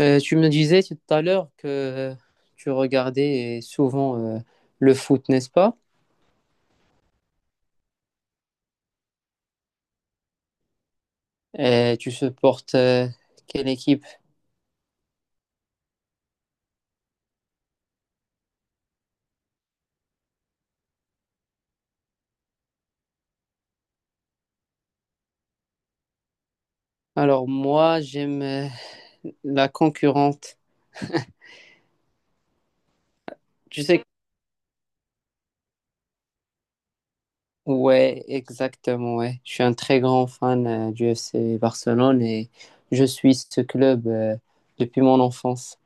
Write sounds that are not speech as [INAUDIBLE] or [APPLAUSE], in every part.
Tu me disais tout à l'heure que tu regardais souvent le foot, n'est-ce pas? Et tu supportes quelle équipe? Alors moi, j'aime la concurrente. Tu sais, ouais, exactement, ouais. Je suis un très grand fan du FC Barcelone et je suis ce club depuis mon enfance.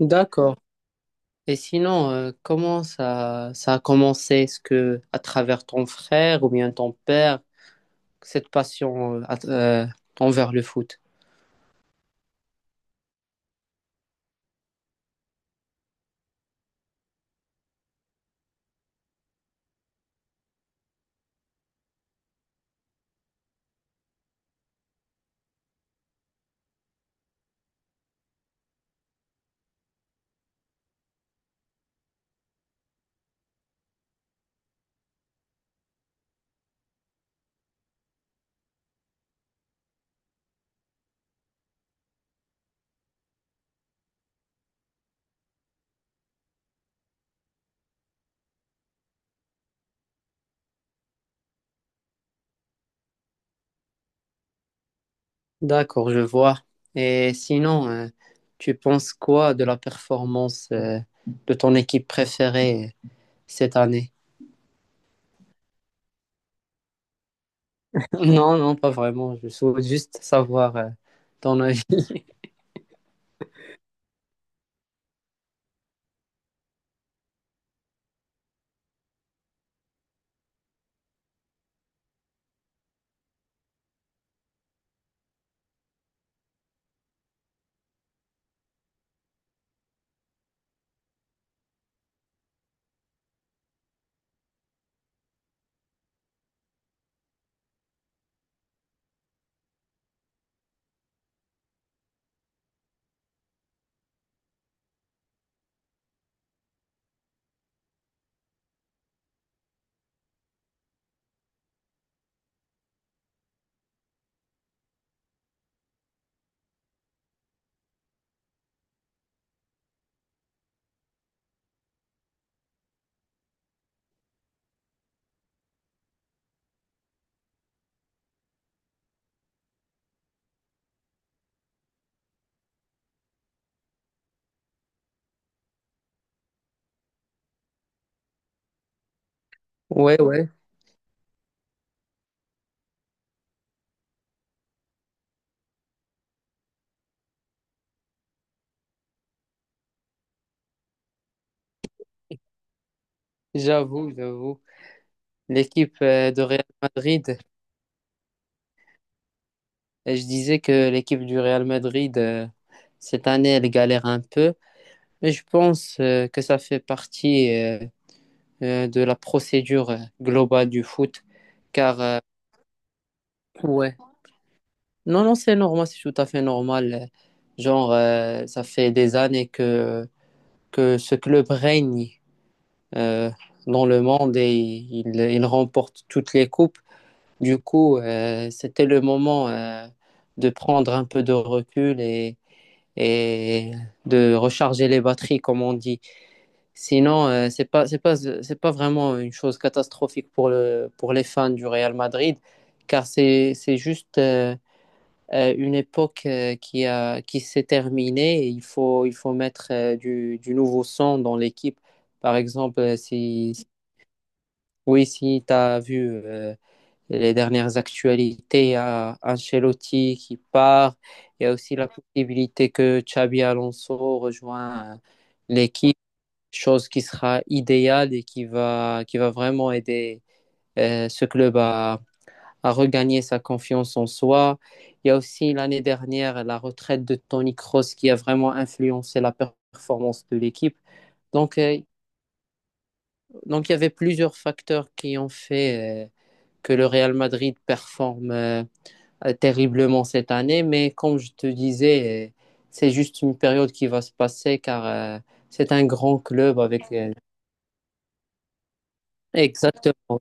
D'accord. Et sinon, comment ça, ça a commencé? Est-ce que à travers ton frère ou bien ton père? Cette passion envers le foot. D'accord, je vois. Et sinon, tu penses quoi de la performance de ton équipe préférée cette année? [LAUGHS] Non, non, pas vraiment. Je souhaite juste savoir ton avis. [LAUGHS] Ouais, ouais, j'avoue, j'avoue. L'équipe de Real Madrid, et je disais que l'équipe du Real Madrid, cette année, elle galère un peu, mais je pense que ça fait partie de la procédure globale du foot. Car, ouais, non, non, c'est normal, c'est tout à fait normal. Genre, ça fait des années que ce club règne euh, dans le monde et il remporte toutes les coupes. Du coup, c'était le moment de prendre un peu de recul et de recharger les batteries, comme on dit. Sinon, c'est pas vraiment une chose catastrophique pour le, pour les fans du Real Madrid, car c'est juste une époque qui a, qui s'est terminée et il faut mettre du nouveau sang dans l'équipe. Par exemple, si, oui, si tu as vu les dernières actualités, il y a Ancelotti qui part, il y a aussi la possibilité que Xabi Alonso rejoigne l'équipe, chose qui sera idéale et qui va vraiment aider ce club à regagner sa confiance en soi. Il y a aussi l'année dernière la retraite de Toni Kroos qui a vraiment influencé la performance de l'équipe. Donc, euh, donc il y avait plusieurs facteurs qui ont fait que le Real Madrid performe terriblement cette année. Mais comme je te disais, c'est juste une période qui va se passer car c'est un grand club avec exactement.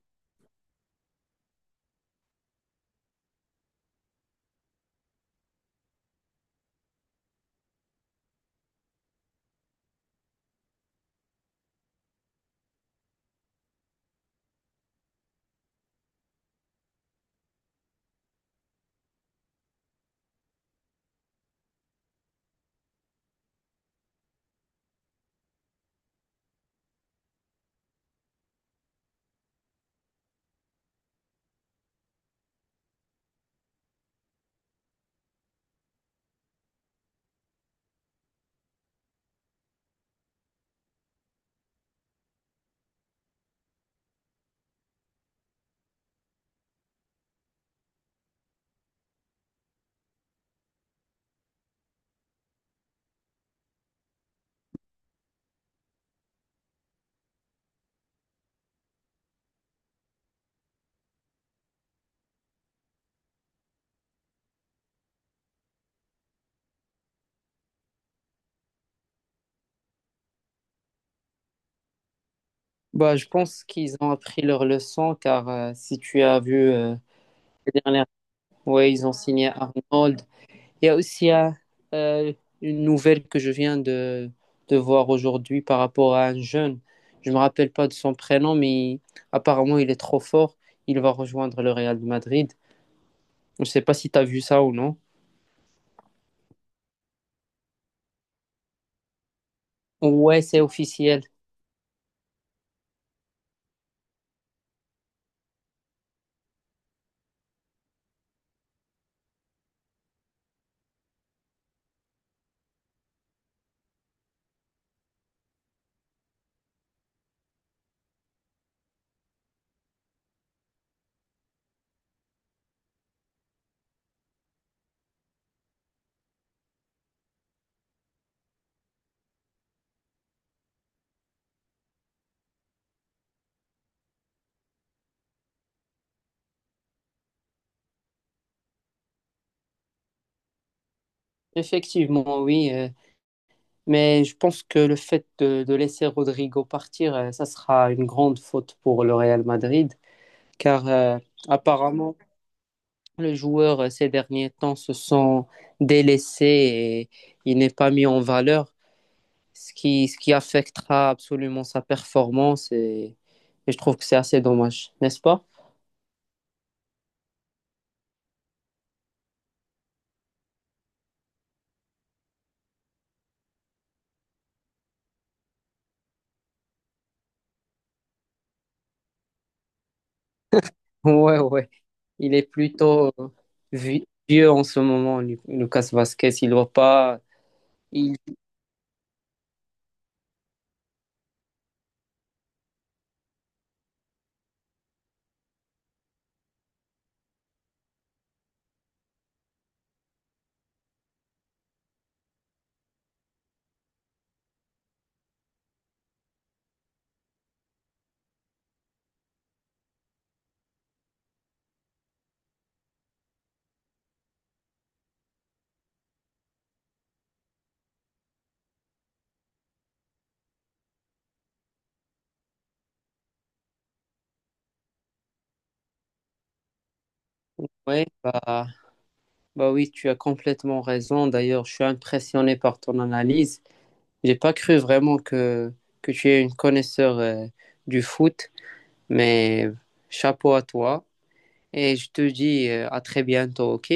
Bah, je pense qu'ils ont appris leur leçon car si tu as vu les dernières, ouais, ils ont signé Arnold. Il y a aussi euh, une nouvelle que je viens de voir aujourd'hui par rapport à un jeune. Je me rappelle pas de son prénom, mais apparemment il est trop fort. Il va rejoindre le Real de Madrid. Je ne sais pas si tu as vu ça ou non. Ouais, c'est officiel. Effectivement, oui. Mais je pense que le fait de laisser Rodrigo partir, ça sera une grande faute pour le Real Madrid. Car apparemment le joueur ces derniers temps se sent délaissé et il n'est pas mis en valeur, ce qui affectera absolument sa performance et je trouve que c'est assez dommage, n'est-ce pas? [LAUGHS] Ouais, ouais. Il est plutôt vieux en ce moment, Lucas Vasquez. Il va pas. Il... Ouais, bah, bah oui, tu as complètement raison. D'ailleurs, je suis impressionné par ton analyse. J'ai pas cru vraiment que tu es une connaisseur du foot, mais chapeau à toi. Et je te dis à très bientôt, ok?